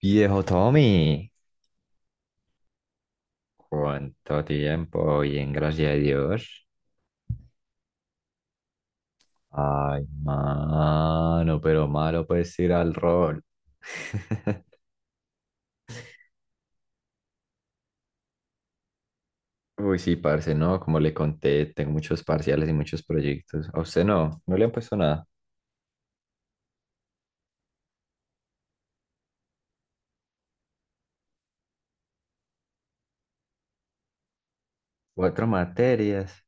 Viejo Tommy, cuánto tiempo, bien, gracias a Dios. Ay, mano, pero malo pues ir al rol. Uy, sí, parce, no, como le conté, tengo muchos parciales y muchos proyectos. A usted no le han puesto nada. Cuatro materias.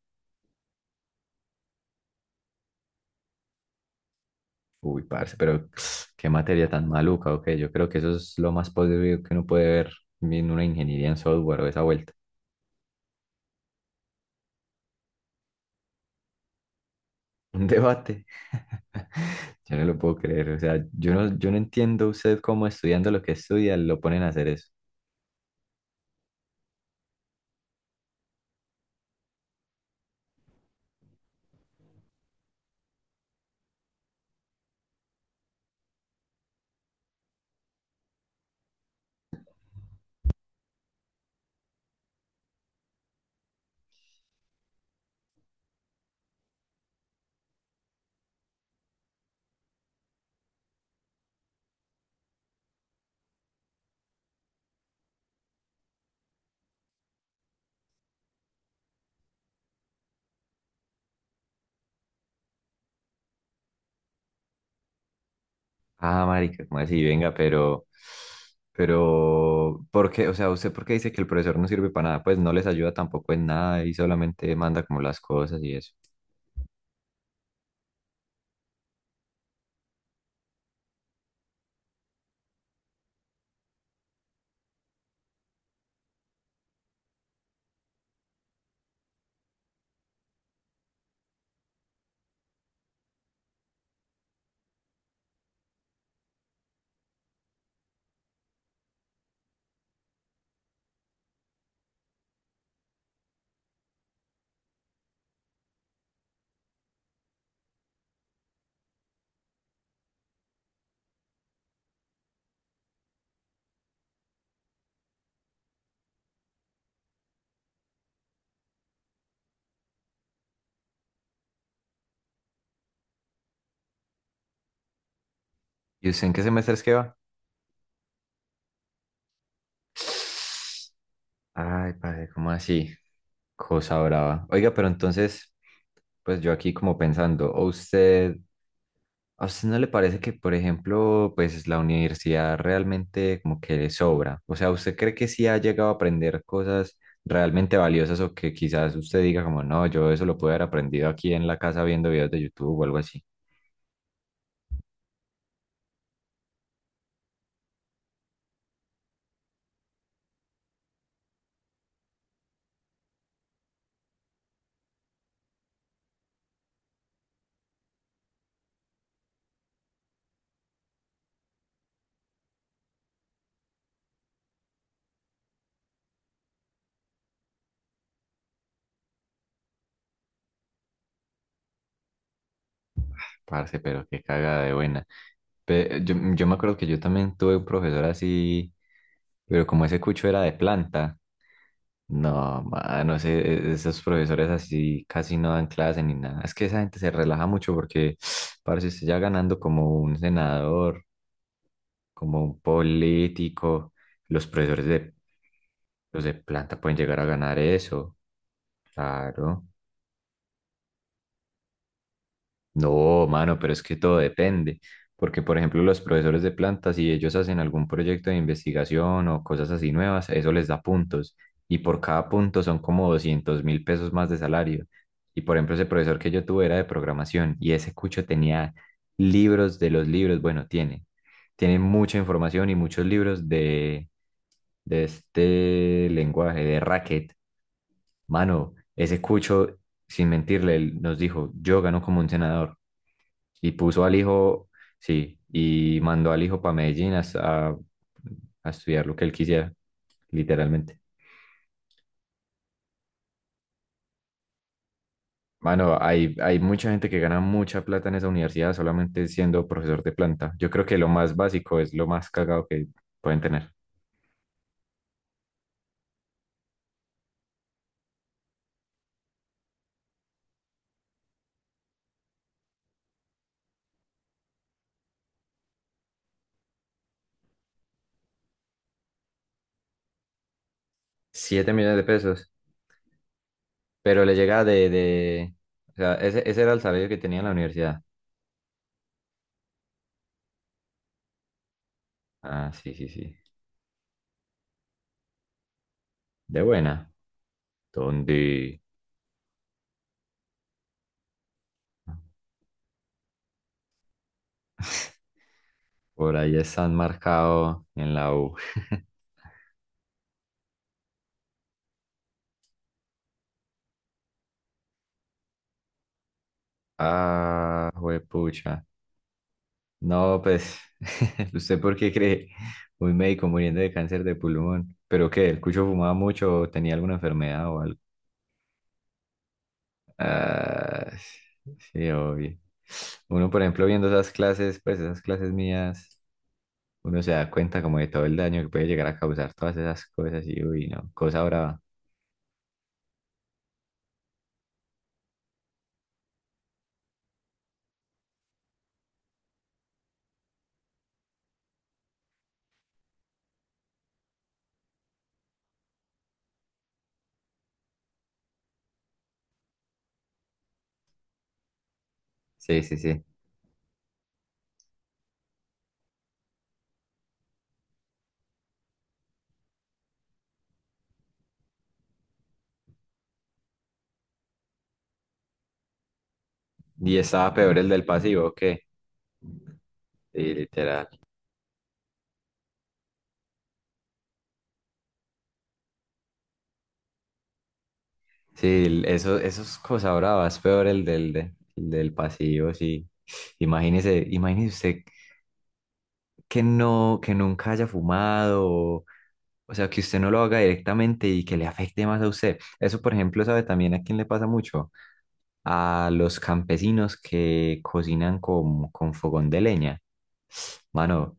Uy, parce, pero qué materia tan maluca, ok. Yo creo que eso es lo más posible que uno puede ver en una ingeniería en software o esa vuelta. Un debate. Yo no lo puedo creer. O sea, yo no entiendo usted cómo estudiando lo que estudia lo ponen a hacer eso. Ah, marica, ¿cómo así? Venga, pero ¿por qué? O sea, ¿usted por qué dice que el profesor no sirve para nada? Pues no les ayuda tampoco en nada y solamente manda como las cosas y eso. ¿Y usted en qué semestre es que va? Ay, padre, ¿cómo así? Cosa brava. Oiga, pero entonces, pues yo aquí como pensando, ¿o usted, ¿a usted no le parece que, por ejemplo, pues la universidad realmente como que le sobra? O sea, ¿usted cree que sí ha llegado a aprender cosas realmente valiosas o que quizás usted diga como no, yo eso lo pude haber aprendido aquí en la casa viendo videos de YouTube o algo así? Parce, pero qué cagada de buena. Yo me acuerdo que yo también tuve un profesor así, pero como ese cucho era de planta. No, mano, esos profesores así casi no dan clase ni nada. Es que esa gente se relaja mucho porque parece usted ya ganando como un senador, como un político. Los profesores de, los de planta pueden llegar a ganar eso, claro. No, mano, pero es que todo depende, porque por ejemplo los profesores de planta, si ellos hacen algún proyecto de investigación o cosas así nuevas, eso les da puntos y por cada punto son como $200.000 más de salario. Y por ejemplo ese profesor que yo tuve era de programación y ese cucho tenía libros de los libros, tiene mucha información y muchos libros de este lenguaje de racket. Mano, ese cucho, sin mentirle, él nos dijo: "Yo gano como un senador". Y puso al hijo, sí, y mandó al hijo para Medellín a estudiar lo que él quisiera, literalmente. Mano, hay mucha gente que gana mucha plata en esa universidad solamente siendo profesor de planta. Yo creo que lo más básico es lo más cagado que pueden tener. $7.000.000. Pero le llega de... O sea, ese era el salario que tenía en la universidad. Ah, sí, sí, sí. De buena. ¿Dónde? Por ahí están marcados en la U. Ah, juepucha. No, pues, ¿usted por qué cree un médico muriendo de cáncer de pulmón? ¿Pero qué? ¿El cucho fumaba mucho o tenía alguna enfermedad o algo? Ah, sí, obvio. Uno, por ejemplo, viendo esas clases, pues esas clases mías, uno se da cuenta como de todo el daño que puede llegar a causar todas esas cosas y uy, no, cosa brava. Sí, sí, sí. Y estaba peor el del pasivo, que sí, literal. Sí, eso, eso es cosa brava, es peor el del, el del pasivo, sí. Imagínese, imagínese usted que no, que nunca haya fumado, o sea, que usted no lo haga directamente y que le afecte más a usted. Eso, por ejemplo, sabe también a quién le pasa mucho, a los campesinos que cocinan con fogón de leña. Mano,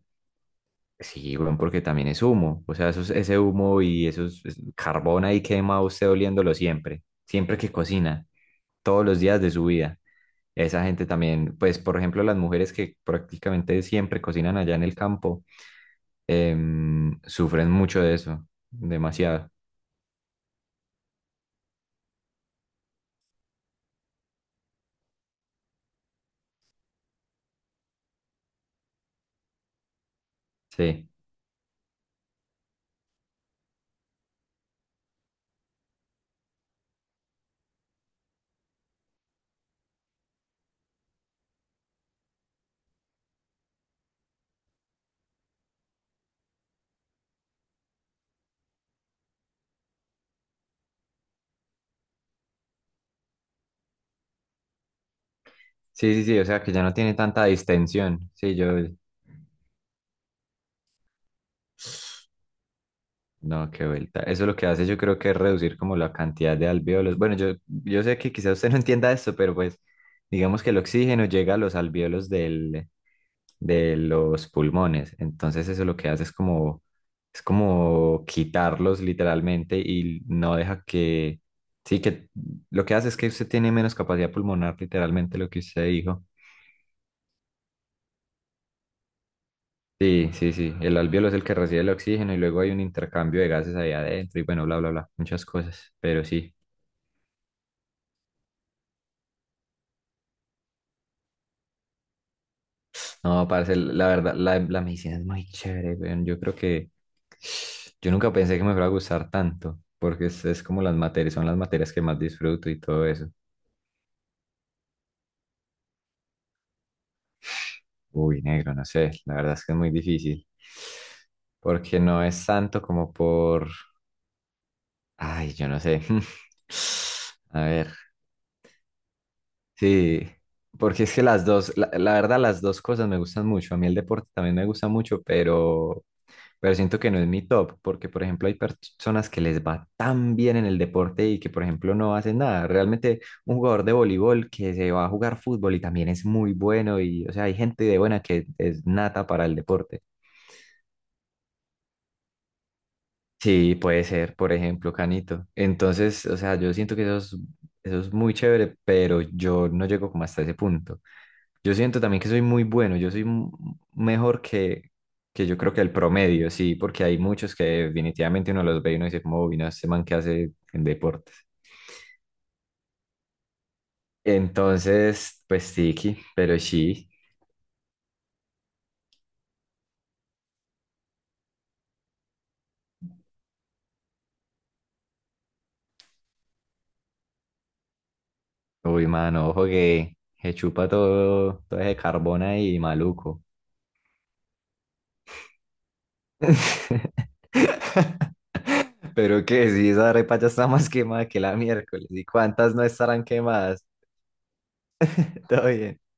sí, bueno, porque también es humo. O sea, ese humo y carbón ahí quema usted oliéndolo siempre, siempre que cocina, todos los días de su vida. Esa gente también, pues, por ejemplo, las mujeres que prácticamente siempre cocinan allá en el campo, sufren mucho de eso, demasiado. Sí, sí, sí, sí, o sea, que ya no tiene tanta distensión. Sí, yo, no, qué vuelta. Eso lo que hace yo creo que es reducir como la cantidad de alvéolos. Bueno, yo sé que quizás usted no entienda esto, pero pues digamos que el oxígeno llega a los alvéolos de los pulmones. Entonces eso lo que hace es como quitarlos literalmente y no deja que, sí, que lo que hace es que usted tiene menos capacidad pulmonar, literalmente lo que usted dijo. Sí, sí, sí. El alvéolo es el que recibe el oxígeno y luego hay un intercambio de gases ahí adentro y bueno, bla, bla, bla, muchas cosas. Pero sí. No, parce, la verdad, la medicina es muy chévere, weón. Yo creo que yo nunca pensé que me fuera a gustar tanto, porque es como las materias, son las materias que más disfruto y todo eso. Uy, negro, no sé, la verdad es que es muy difícil, porque no es tanto como por, ay, yo no sé. A ver, sí, porque es que las dos, la verdad, las dos cosas me gustan mucho. A mí el deporte también me gusta mucho, pero siento que no es mi top, porque por ejemplo hay personas que les va tan bien en el deporte y que por ejemplo no hacen nada. Realmente un jugador de voleibol que se va a jugar fútbol y también es muy bueno y o sea, hay gente de buena que es nata para el deporte. Sí, puede ser, por ejemplo, Canito. Entonces, o sea, yo siento que eso es muy chévere, pero yo no llego como hasta ese punto. Yo siento también que soy muy bueno, mejor que yo creo que el promedio, sí, porque hay muchos que definitivamente uno los ve y uno dice, como, "Uy, no, este man que hace en deportes". Entonces, pues tiki pero sí, uy, mano, ojo que se chupa todo, todo ese carbón ahí, maluco. Pero que si esa arepa ya está más quemada que la miércoles, ¿y cuántas no estarán quemadas? Todo bien.